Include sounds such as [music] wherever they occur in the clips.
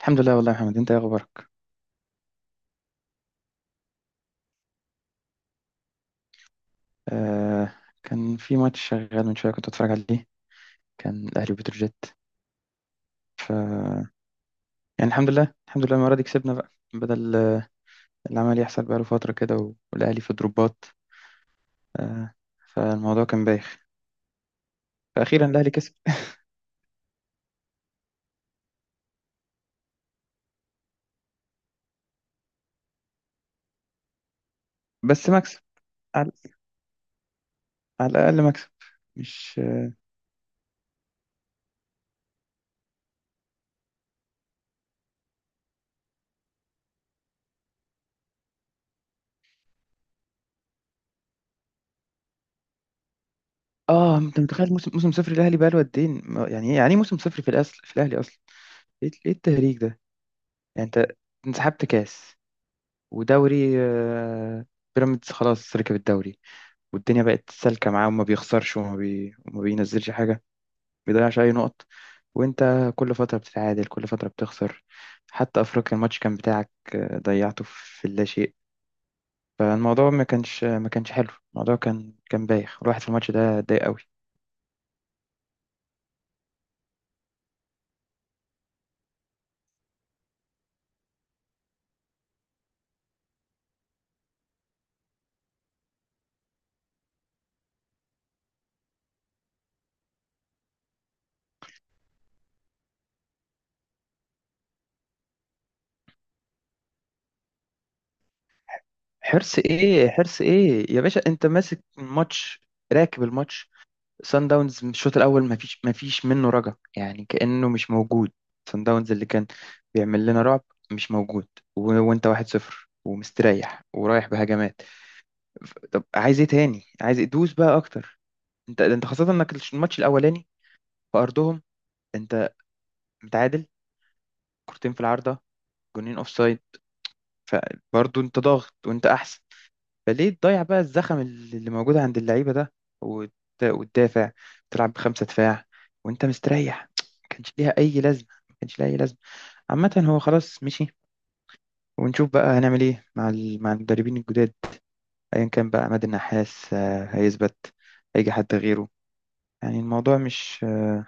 الحمد لله والله يا محمد، انت ايه اخبارك؟ آه كان في ماتش شغال من شويه كنت اتفرج عليه. كان الاهلي وبتروجيت. ف يعني الحمد لله، المره دي كسبنا بقى بدل العمل يحصل. بقاله فتره كده والاهلي في دروبات، آه فالموضوع كان بايخ. فاخيرا الاهلي كسب. بس مكسب، على, على الاقل مكسب. مش انت متخيل موسم صفر الاهلي بقاله قد ايه؟ يعني ايه، يعني ايه موسم صفر في الاصل في الاهلي اصلا؟ ايه التهريج ده؟ يعني انت انسحبت كاس ودوري، بيراميدز خلاص ركب الدوري والدنيا بقت سالكة معاه وما بيخسرش وما بينزلش حاجة، ما بيضيعش أي نقط. وأنت كل فترة بتتعادل، كل فترة بتخسر. حتى أفريقيا الماتش كان بتاعك، ضيعته في لا شيء. فالموضوع ما كانش حلو، الموضوع كان بايخ. الواحد في الماتش ده اتضايق قوي. حرص ايه، حرص ايه يا باشا؟ انت ماسك الماتش، راكب الماتش. سان داونز من الشوط الاول ما فيش منه رجع، يعني كانه مش موجود. سان داونز اللي كان بيعمل لنا رعب مش موجود. وانت واحد صفر ومستريح ورايح بهجمات. طب عايز ايه تاني؟ عايز دوس بقى اكتر. انت خاصه انك الماتش الاولاني في ارضهم، انت متعادل، كورتين في العارضه، جونين اوف سايد. فبرضه انت ضاغط وانت احسن. فليه تضيع بقى الزخم اللي موجود عند اللعيبة ده وت- وتدافع، تلعب بخمسة دفاع وانت مستريح؟ ما كانش ليها أي لازمة، ما كانش ليها أي لازمة. عامة هو خلاص مشي، ونشوف بقى هنعمل ايه مع مع المدربين الجداد. ايا كان بقى، عماد النحاس هيثبت، هيجي حد غيره. يعني الموضوع مش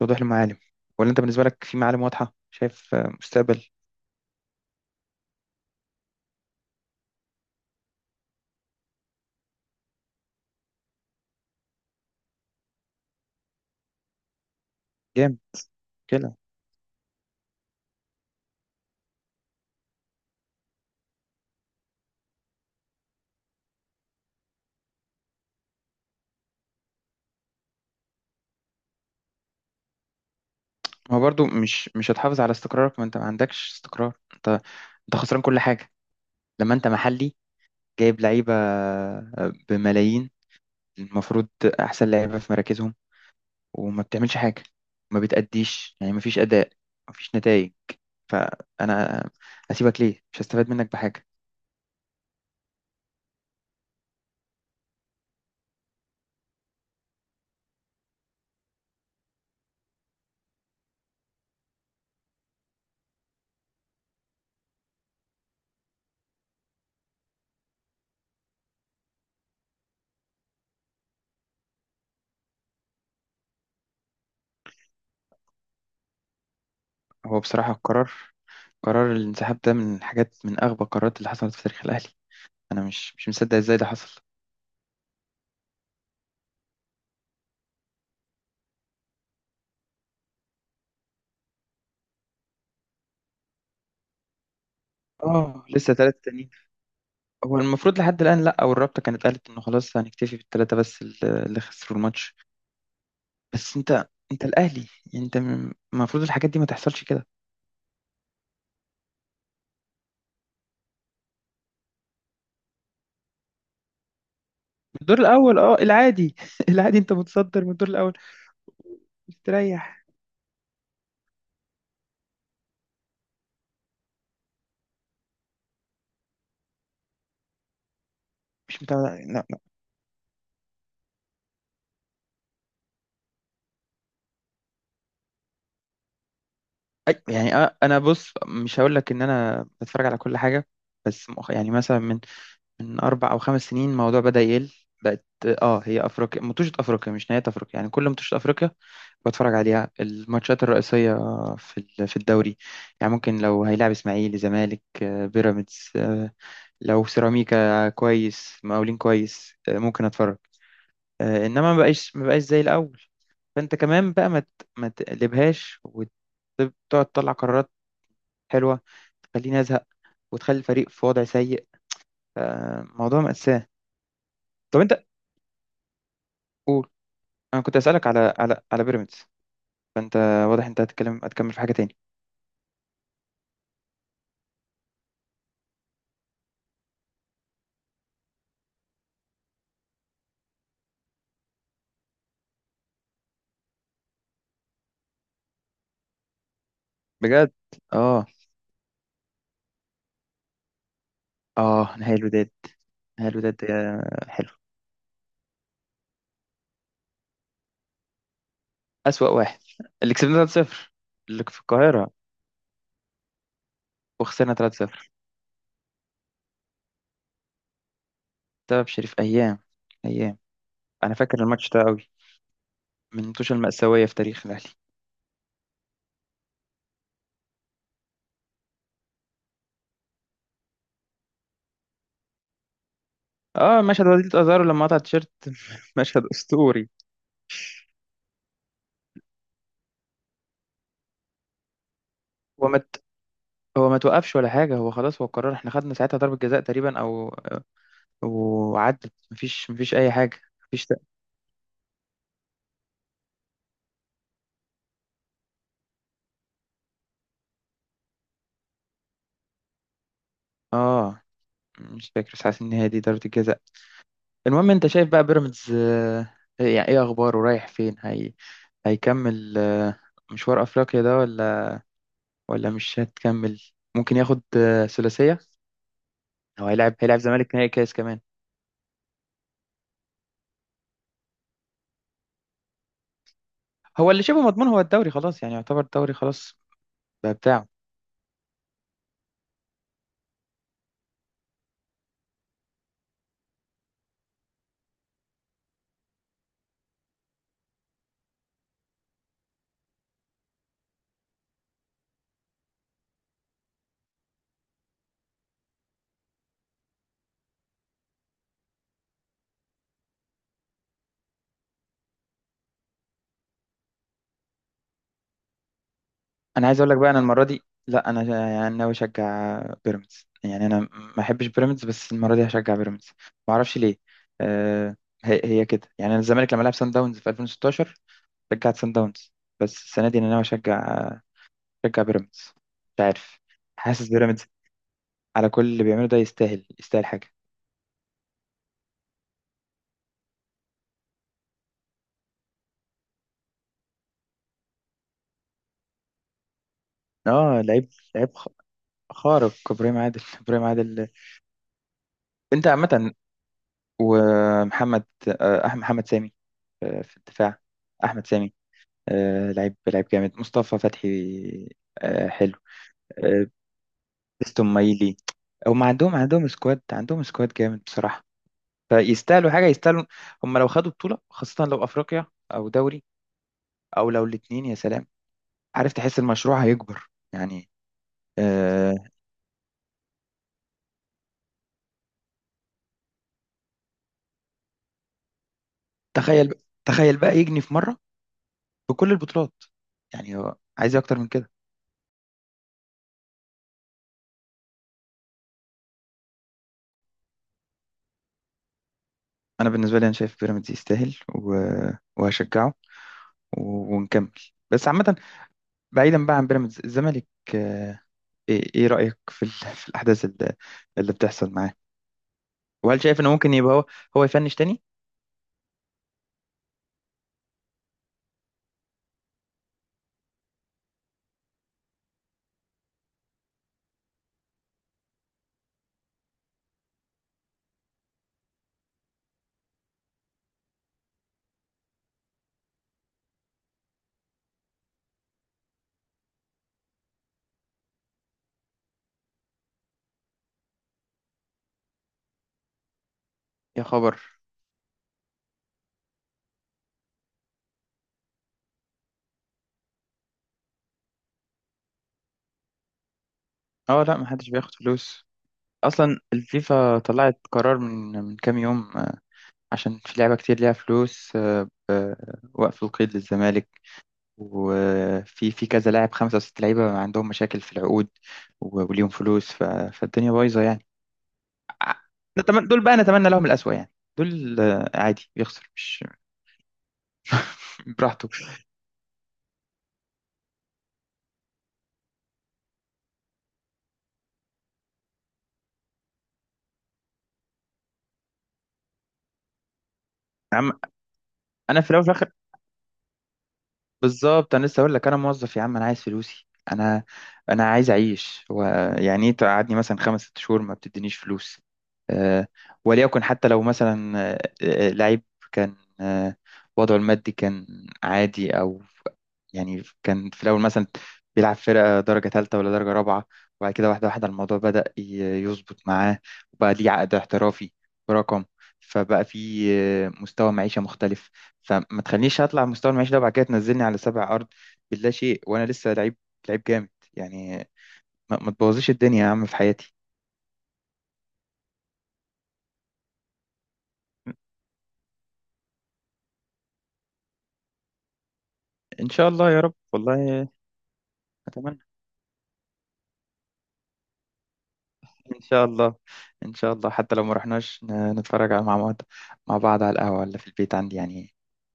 وضوح المعالم. ولا انت بالنسبة لك في معالم واضحة، شايف مستقبل جامد كده؟ ما هو برضو مش هتحافظ على استقرارك. ما انت ما عندكش استقرار، انت خسران كل حاجة. لما انت محلي جايب لعيبة، بملايين، المفروض أحسن لعيبة في مراكزهم، وما بتعملش حاجة، ما بتأديش، يعني ما فيش أداء، ما فيش نتائج. فأنا أسيبك ليه؟ مش هستفاد منك بحاجة. هو بصراحة القرار، قرار الانسحاب ده، من الحاجات، من أغبى القرارات اللي حصلت في تاريخ الأهلي. أنا مش مصدق إزاي ده حصل. آه لسه ثلاثة تانيين. هو المفروض لحد الآن لأ، أو الرابطة كانت قالت إنه خلاص هنكتفي بالثلاثة بس اللي خسروا الماتش. بس أنت الأهلي، يعني أنت المفروض الحاجات دي ما تحصلش كده. الدور الاول اه العادي [laughs] العادي انت متصدر من الدور الاول، مستريح. مش متعود، لا لا. يعني انا بص مش هقول لك ان انا بتفرج على كل حاجه، بس يعني مثلا من اربع او خمس سنين الموضوع بدا يقل، بقت اه. هي افريقيا مطوشه، افريقيا مش نهايه افريقيا، يعني كل مطوشه افريقيا بتفرج عليها الماتشات الرئيسيه في في الدوري. يعني ممكن لو هيلعب اسماعيلي زمالك، بيراميدز، لو سيراميكا كويس، مقاولين كويس، ممكن اتفرج. انما ما بقاش زي الاول. فانت كمان بقى ما تقلبهاش وتقعد تطلع قرارات حلوه، تخليني ازهق، وتخلي الفريق في وضع سيء. موضوع مأساة. طب انت قول. انا كنت اسالك على بيراميدز. فانت واضح انت هتتكلم، هتكمل في حاجه تاني. بجد. اه اه نهائي الوداد. نهائي الوداد ده حلو، أسوأ واحد، اللي كسبنا 3-0 اللي في القاهرة، وخسرنا 3-0 بسبب شريف أيام. أيام. أنا فاكر الماتش ده قوي، من الماتشات المأساوية في تاريخ الأهلي. اه مشهد وليد ازارو لما قطع التيشيرت [laughs] مشهد اسطوري. هو ما ت- هو ما توقفش ولا حاجه. هو خلاص هو قرر، احنا خدنا ساعتها ضربه جزاء تقريبا او وعدت، مفيش اي حاجه، اه مش فاكر، بس حاسس ان هي دي ضربه الجزاء. المهم انت شايف بقى بيراميدز، يعني ايه اخباره، رايح فين هي؟ هيكمل مشوار افريقيا ده ولا مش هتكمل؟ ممكن ياخد ثلاثيه؟ او هيلعب زمالك نهائي كاس كمان. هو اللي شبه مضمون هو الدوري خلاص يعني يعتبر الدوري خلاص بقى بتاعه انا عايز اقول لك بقى، انا المره دي، لا انا يعني ناوي اشجع بيراميدز. يعني انا ما احبش بيراميدز، بس المره دي هشجع بيراميدز. ما اعرفش ليه. أه هي كده. يعني انا الزمالك لما لعب سان داونز في 2016 شجعت سان داونز، بس السنه دي انا ناوي اشجع بيراميدز. مش عارف، حاسس بيراميدز على كل اللي بيعمله ده يستاهل، يستاهل حاجه. اه لعيب، لعيب خ- خارق ابراهيم عادل [laughs] ابراهيم عادل. انت عامه. ومحمد، محمد سامي، في الدفاع، احمد سامي، لعيب، لعيب جامد. مصطفى فتحي، حلو. آه بيستون مايلي. هم عندهم سكواد، سكواد جامد بصراحة. فيستاهلوا حاجة، يستاهلوا. هم لو خدوا بطولة، خاصة لو أفريقيا أو دوري، أو لو الاتنين، يا سلام. عارف تحس المشروع هيكبر يعني. آه تخيل، تخيل بقى يجني في مرة بكل البطولات. يعني هو عايز إيه أكتر من كده؟ أنا بالنسبة لي أنا شايف بيراميدز يستاهل، وهشجعه، و... ونكمل. بس عامة، بعيدا بقى عن بيراميدز، الزمالك آه، ايه، إيه رأيك في [laughs] في الأحداث اللي بتحصل معاه؟ وهل شايف انه ممكن يبقى هو يفنش تاني؟ يا خبر. اه لا محدش بياخد فلوس. اصلا الفيفا طلعت قرار من كام يوم، عشان في لعبة كتير ليها فلوس، آه، وقف القيد للزمالك. وفي كذا لاعب، خمسة أو ست لعيبة عندهم مشاكل في العقود وليهم فلوس، فالدنيا بايظة يعني. ع- نتمنى دول بقى، نتمنى لهم الأسوأ يعني. دول عادي بيخسر، مش براحته. عم... أنا في الأول، بالظبط انا لسه اقول لك، انا موظف يا عم، انا عايز فلوسي. انا عايز اعيش. هو يعني ايه تقعدني مثلا خمس ست شهور ما بتدينيش فلوس؟ أه. وليكن حتى لو مثلا لعيب كان وضعه المادي كان عادي، او يعني كان في الاول مثلا بيلعب فرقه درجه ثالثه ولا درجه رابعه، وبعد كده واحده واحده الموضوع بدأ يظبط معاه، وبقى ليه عقد احترافي برقم، فبقى في مستوى معيشه مختلف. فما تخلينيش اطلع مستوى المعيشة ده وبعد كده تنزلني على سبع ارض باللا شيء، وانا لسه لعيب، لعيب جامد يعني. ما تبوظيش الدنيا يا عم في حياتي. ان شاء الله يا رب والله. اتمنى، ان شاء الله، ان شاء الله. حتى لو ما رحناش نتفرج على مع بعض، مع بعض على القهوة ولا في البيت عندي يعني.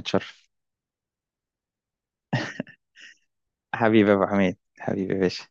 اتشرف. حبيبي يا ابو حميد، حبيبي يا باشا.